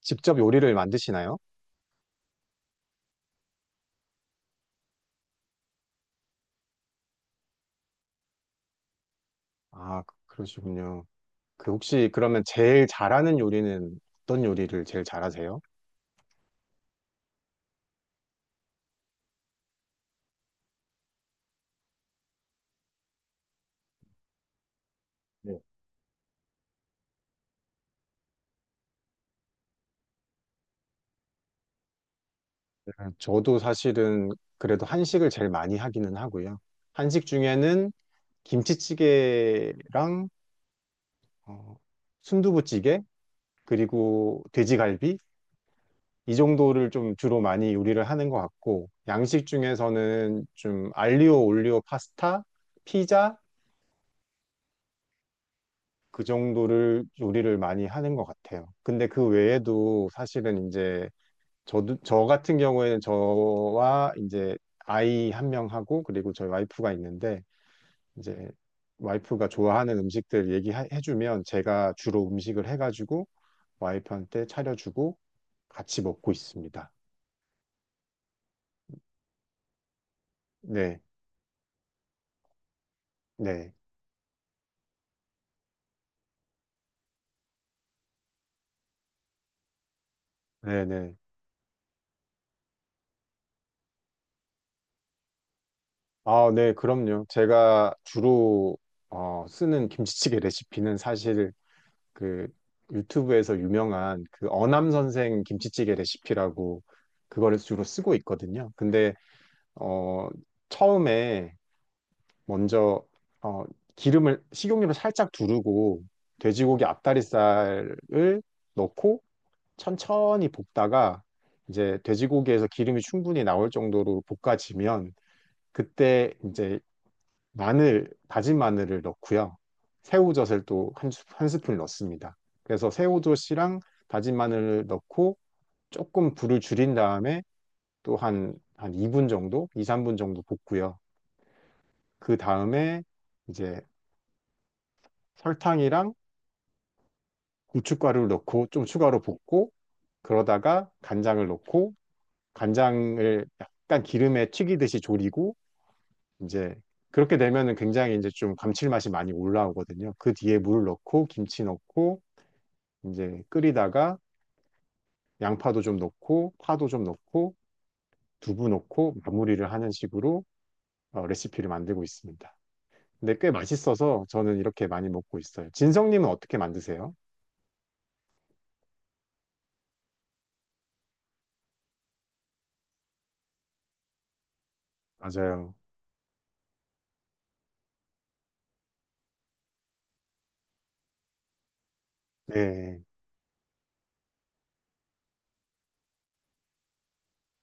직접 요리를 만드시나요? 아, 그러시군요. 그 혹시 그러면 제일 잘하는 요리는 어떤 요리를 제일 잘하세요? 네. 저도 사실은 그래도 한식을 제일 많이 하기는 하고요. 한식 중에는 김치찌개랑 어, 순두부찌개 그리고 돼지갈비 이 정도를 좀 주로 많이 요리를 하는 것 같고 양식 중에서는 좀 알리오 올리오 파스타, 피자 그 정도를 요리를 많이 하는 것 같아요. 근데 그 외에도 사실은 이제 저도 저 같은 경우에는 저와 이제 아이 한 명하고 그리고 저희 와이프가 있는데 이제 와이프가 좋아하는 음식들 얘기해주면 제가 주로 음식을 해가지고 와이프한테 차려주고 같이 먹고 있습니다. 네, 네, 네, 네. 아, 네, 그럼요. 제가 주로 쓰는 김치찌개 레시피는 사실 그 유튜브에서 유명한 그 어남 선생 김치찌개 레시피라고 그거를 주로 쓰고 있거든요. 근데 어 처음에 먼저 어 기름을 식용유를 살짝 두르고 돼지고기 앞다리살을 넣고 천천히 볶다가 이제 돼지고기에서 기름이 충분히 나올 정도로 볶아지면 그때 이제 다진 마늘을 넣고요. 새우젓을 또 한 스푼 넣습니다. 그래서 새우젓이랑 다진 마늘을 넣고 조금 불을 줄인 다음에 또 한 2분 정도, 2, 3분 정도 볶고요. 그 다음에 이제 설탕이랑 고춧가루를 넣고 좀 추가로 볶고 그러다가 간장을 넣고 간장을 약간 기름에 튀기듯이 졸이고 이제 그렇게 되면은 굉장히 이제 좀 감칠맛이 많이 올라오거든요. 그 뒤에 물을 넣고 김치 넣고 이제 끓이다가 양파도 좀 넣고 파도 좀 넣고 두부 넣고 마무리를 하는 식으로 레시피를 만들고 있습니다. 근데 꽤 맛있어서 저는 이렇게 많이 먹고 있어요. 진성님은 어떻게 만드세요? 맞아요. 네,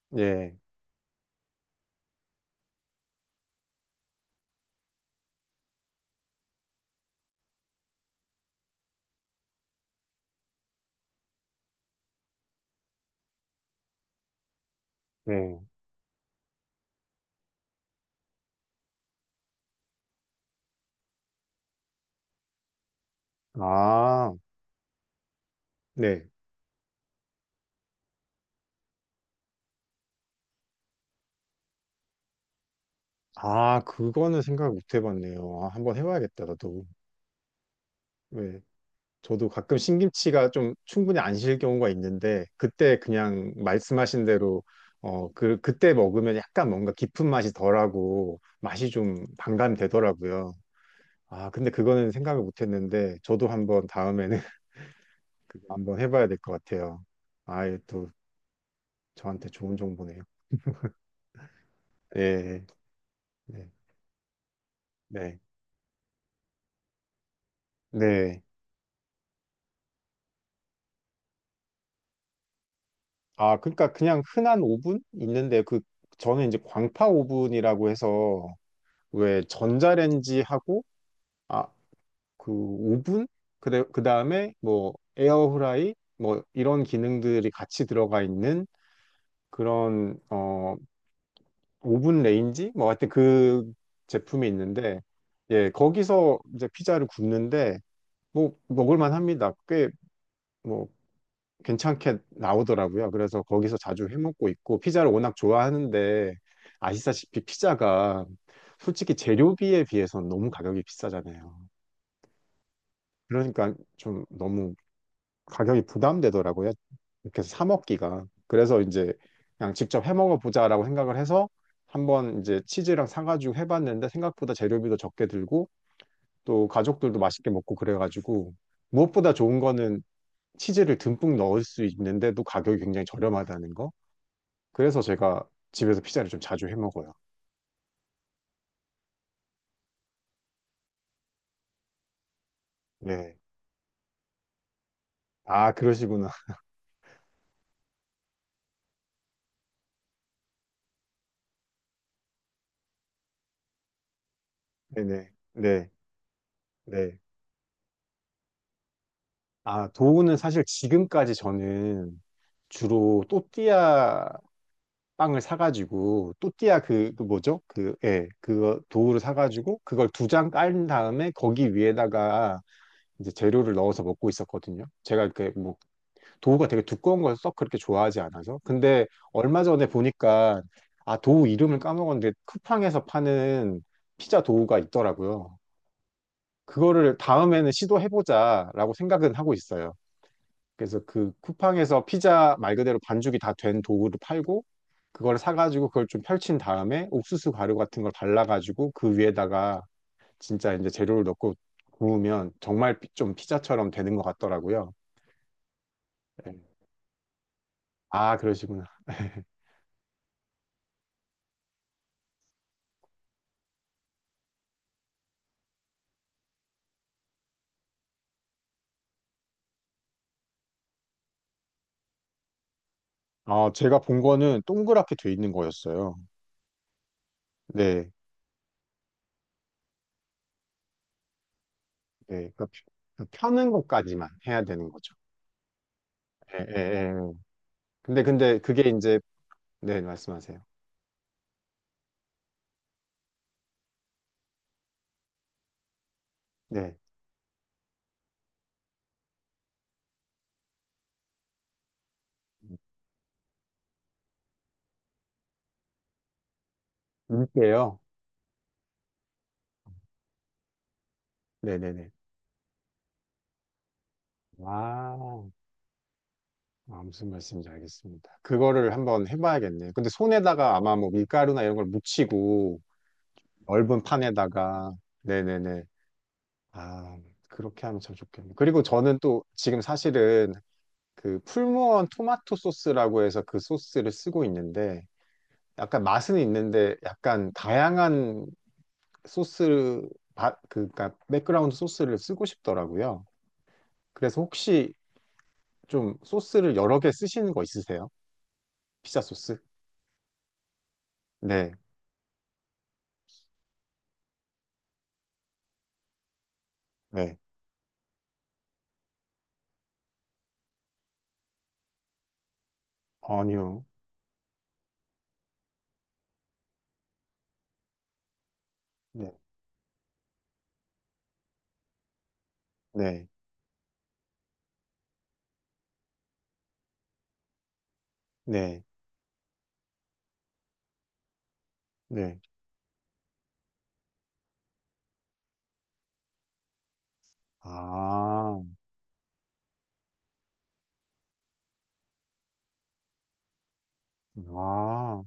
네, 네. 아, 네. 아, 그거는 생각 못 해봤네요. 아, 한번 해봐야겠다, 나도. 네. 저도 가끔 신김치가 좀 충분히 안 실 경우가 있는데 그때 그냥 말씀하신 대로 그때 먹으면 약간 뭔가 깊은 맛이 덜하고 맛이 좀 반감되더라고요. 아, 근데 그거는 생각을 못 했는데 저도 한번 다음에는 그거 한번 해봐야 될 것 같아요. 아, 이또 저한테 좋은 정보네요. 네, 네, 네. 네. 아, 그러니까 그냥 흔한 오븐 있는데 그 저는 이제 광파 오븐이라고 해서 왜 전자레인지하고 아, 그 오븐? 그래, 그 다음에 뭐 에어프라이? 뭐 이런 기능들이 같이 들어가 있는 그런 오븐 레인지? 뭐 하여튼 그 제품이 있는데 예, 거기서 이제 피자를 굽는데 뭐 먹을 만합니다. 꽤 뭐 괜찮게 나오더라고요. 그래서 거기서 자주 해 먹고 있고 피자를 워낙 좋아하는데 아시다시피 피자가 솔직히 재료비에 비해서는 너무 가격이 비싸잖아요. 그러니까 좀 너무 가격이 부담되더라고요. 이렇게 해서 사 먹기가. 그래서 이제 그냥 직접 해 먹어보자라고 생각을 해서 한번 이제 치즈랑 사가지고 해봤는데 생각보다 재료비도 적게 들고 또 가족들도 맛있게 먹고 그래가지고 무엇보다 좋은 거는 치즈를 듬뿍 넣을 수 있는데도 가격이 굉장히 저렴하다는 거. 그래서 제가 집에서 피자를 좀 자주 해 먹어요. 네. 아, 그러시구나. 네네. 네. 네. 아, 도우는 사실 지금까지 저는 주로 또띠아 빵을 사가지고 또띠아 그 뭐죠? 그, 예, 그거 도우를 사가지고 그걸 두 장 깔은 다음에 거기 위에다가 이제 재료를 넣어서 먹고 있었거든요. 제가 이렇게 뭐 도우가 되게 두꺼운 걸 썩 그렇게 좋아하지 않아서. 근데 얼마 전에 보니까 아, 도우 이름을 까먹었는데 쿠팡에서 파는 피자 도우가 있더라고요. 그거를 다음에는 시도해보자라고 생각은 하고 있어요. 그래서 그 쿠팡에서 피자 말 그대로 반죽이 다 된 도구를 팔고 그걸 사가지고 그걸 좀 펼친 다음에 옥수수 가루 같은 걸 발라가지고 그 위에다가 진짜 이제 재료를 넣고 구우면 정말 좀 피자처럼 되는 것 같더라고요. 네. 아, 그러시구나. 아, 제가 본 거는 동그랗게 돼 있는 거였어요. 네, 네. 그러니까 펴는 것까지만 해야 되는 거죠. 예, 예, 예. 근데 그게 이제, 네, 말씀하세요. 네. 밀게요. 네네네. 와. 아, 무슨 말씀인지 알겠습니다. 그거를 한번 해봐야겠네요. 근데 손에다가 아마 뭐 밀가루나 이런 걸 묻히고 넓은 판에다가 네네네. 아, 그렇게 하면 참 좋겠네요. 그리고 저는 또 지금 사실은 그 풀무원 토마토 소스라고 해서 그 소스를 쓰고 있는데 약간 맛은 있는데 약간 다양한 소스, 그니까 백그라운드 소스를 쓰고 싶더라고요. 그래서 혹시 좀 소스를 여러 개 쓰시는 거 있으세요? 피자 소스? 네. 네. 아니요. 네, 네, 네, 네. 아, 아,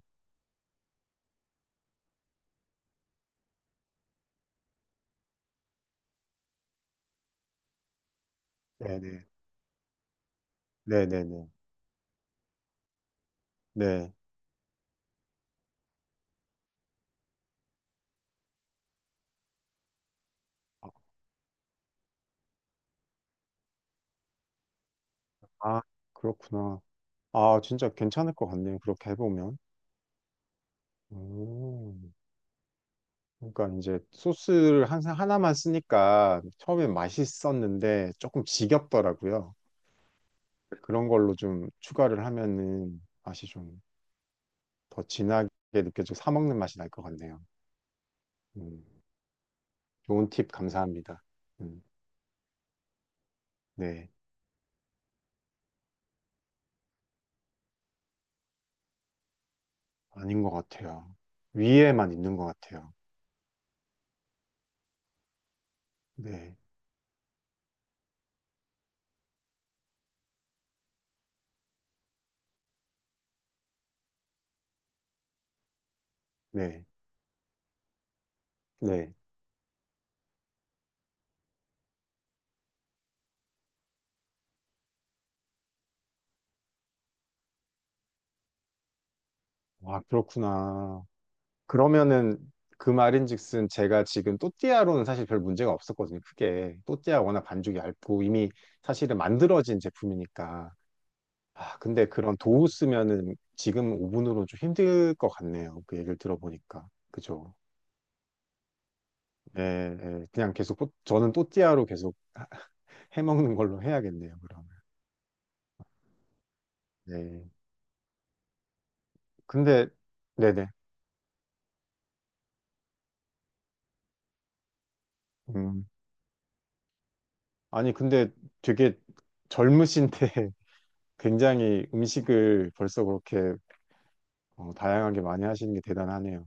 네네, 네네네, 네. 아, 그렇구나. 아, 진짜 괜찮을 것 같네요. 그렇게 해보면. 오, 그러니까 이제 소스를 항상 하나만 쓰니까 처음엔 맛있었는데 조금 지겹더라고요. 그런 걸로 좀 추가를 하면은 맛이 좀 더 진하게 느껴지고 사 먹는 맛이 날 것 같네요. 음, 좋은 팁 감사합니다. 음, 네. 아닌 것 같아요. 위에만 있는 것 같아요. 네, 네, 네. 와 그렇구나. 그러면은 그 말인즉슨 제가 지금 또띠아로는 사실 별 문제가 없었거든요. 크게 또띠아 워낙 반죽이 얇고 이미 사실은 만들어진 제품이니까. 아, 근데 그런 도우 쓰면은 지금 오븐으로 좀 힘들 것 같네요. 그 얘기를 들어보니까. 그죠? 네, 네. 그냥 계속 저는 또띠아로 계속 해먹는 걸로 해야겠네요. 그러면. 네. 근데 네네. 음. 아니, 근데 되게 젊으신데 굉장히 음식을 벌써 그렇게 다양하게 많이 하시는 게 대단하네요.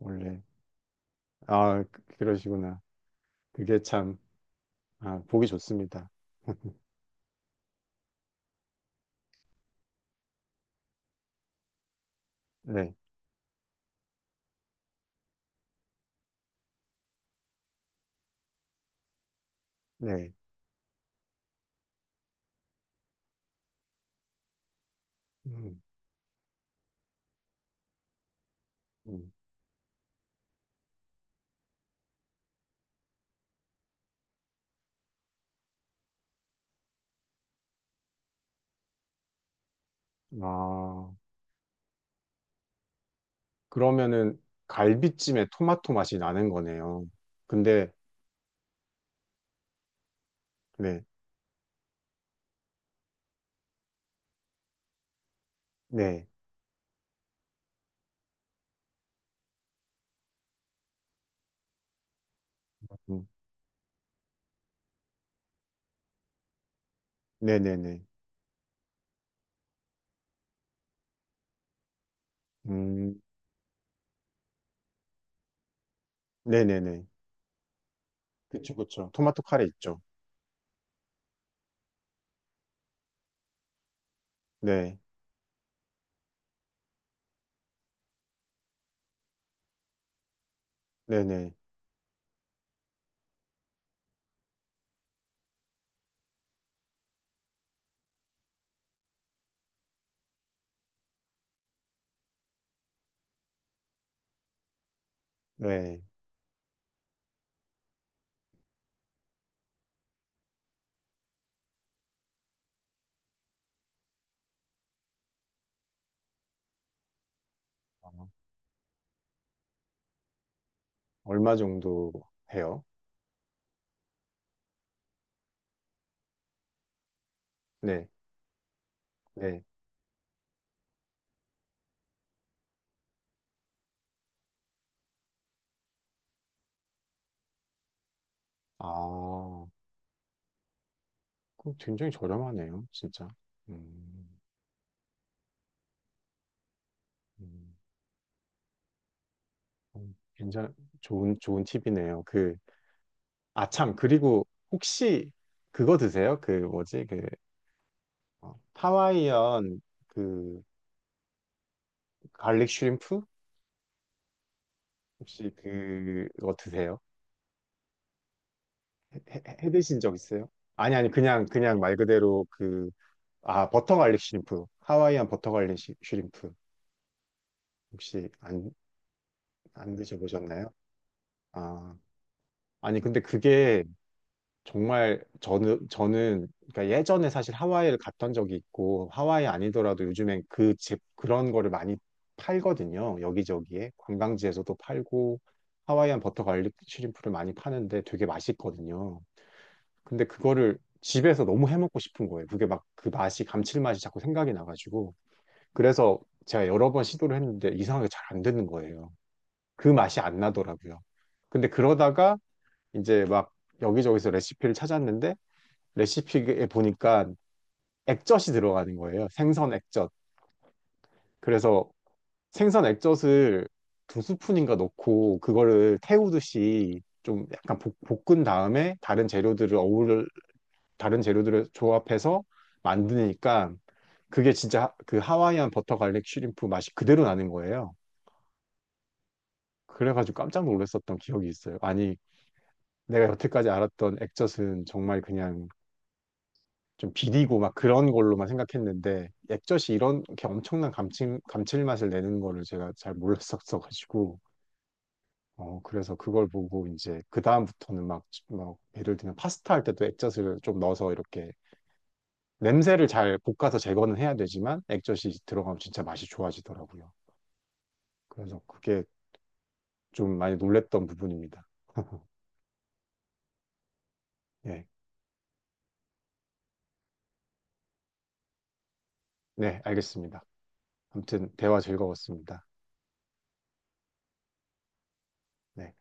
원래. 아, 그러시구나. 그게 참, 아, 보기 좋습니다. 네, 네. 음, 음. 아, 그러면은 갈비찜에 토마토 맛이 나는 거네요. 근데, 네, 네. 음, 네네네. 음, 네네 네. 그쵸, 그쵸. 토마토 카레 있죠. 네, 네 네. 네. 아. 얼마 정도 해요? 네, 네. 아, 그럼 굉장히 저렴하네요, 진짜. 음, 음, 음, 괜찮, 좋은 팁이네요. 그, 아, 참, 그리고 혹시 그거 드세요? 그, 뭐지, 그, 하와이안 그, 갈릭 슈림프? 혹시 그거 드세요? 해, 해 드신 적 있어요? 아니, 아니, 그냥 말 그대로 그, 아, 버터 갈릭 슈림프. 하와이안 버터 갈릭 슈림프. 혹시 안 드셔보셨나요? 아, 아니, 근데 그게 정말 저는 그러니까 예전에 사실 하와이를 갔던 적이 있고, 하와이 아니더라도 요즘엔 그런 거를 많이 팔거든요. 여기저기에. 관광지에서도 팔고, 하와이안 버터 갈릭 슈림프를 많이 파는데 되게 맛있거든요. 근데 그거를 집에서 너무 해먹고 싶은 거예요. 그게 막 그 맛이, 감칠맛이 자꾸 생각이 나가지고. 그래서 제가 여러 번 시도를 했는데 이상하게 잘 안 되는 거예요. 그 맛이 안 나더라고요. 근데 그러다가 이제 막 여기저기서 레시피를 찾았는데 레시피에 보니까 액젓이 들어가는 거예요. 생선 액젓. 그래서 생선 액젓을 두 스푼인가 넣고 그거를 태우듯이 좀 약간 볶, 은 다음에 다른 재료들을 어울 다른 재료들을 조합해서 만드니까 그게 진짜 그 하와이안 버터 갈릭 슈림프 맛이 그대로 나는 거예요. 그래가지고 깜짝 놀랐었던 기억이 있어요. 아니 내가 여태까지 알았던 액젓은 정말 그냥 좀 비리고 막 그런 걸로만 생각했는데 액젓이 이런 게 엄청난 감칠맛을 내는 거를 제가 잘 몰랐었어가지고 그래서 그걸 보고 이제 그 다음부터는 막 예를 들면 파스타 할 때도 액젓을 좀 넣어서 이렇게 냄새를 잘 볶아서 제거는 해야 되지만 액젓이 들어가면 진짜 맛이 좋아지더라고요. 그래서 그게 좀 많이 놀랬던 부분입니다. 예. 네, 알겠습니다. 아무튼 대화 즐거웠습니다. 네.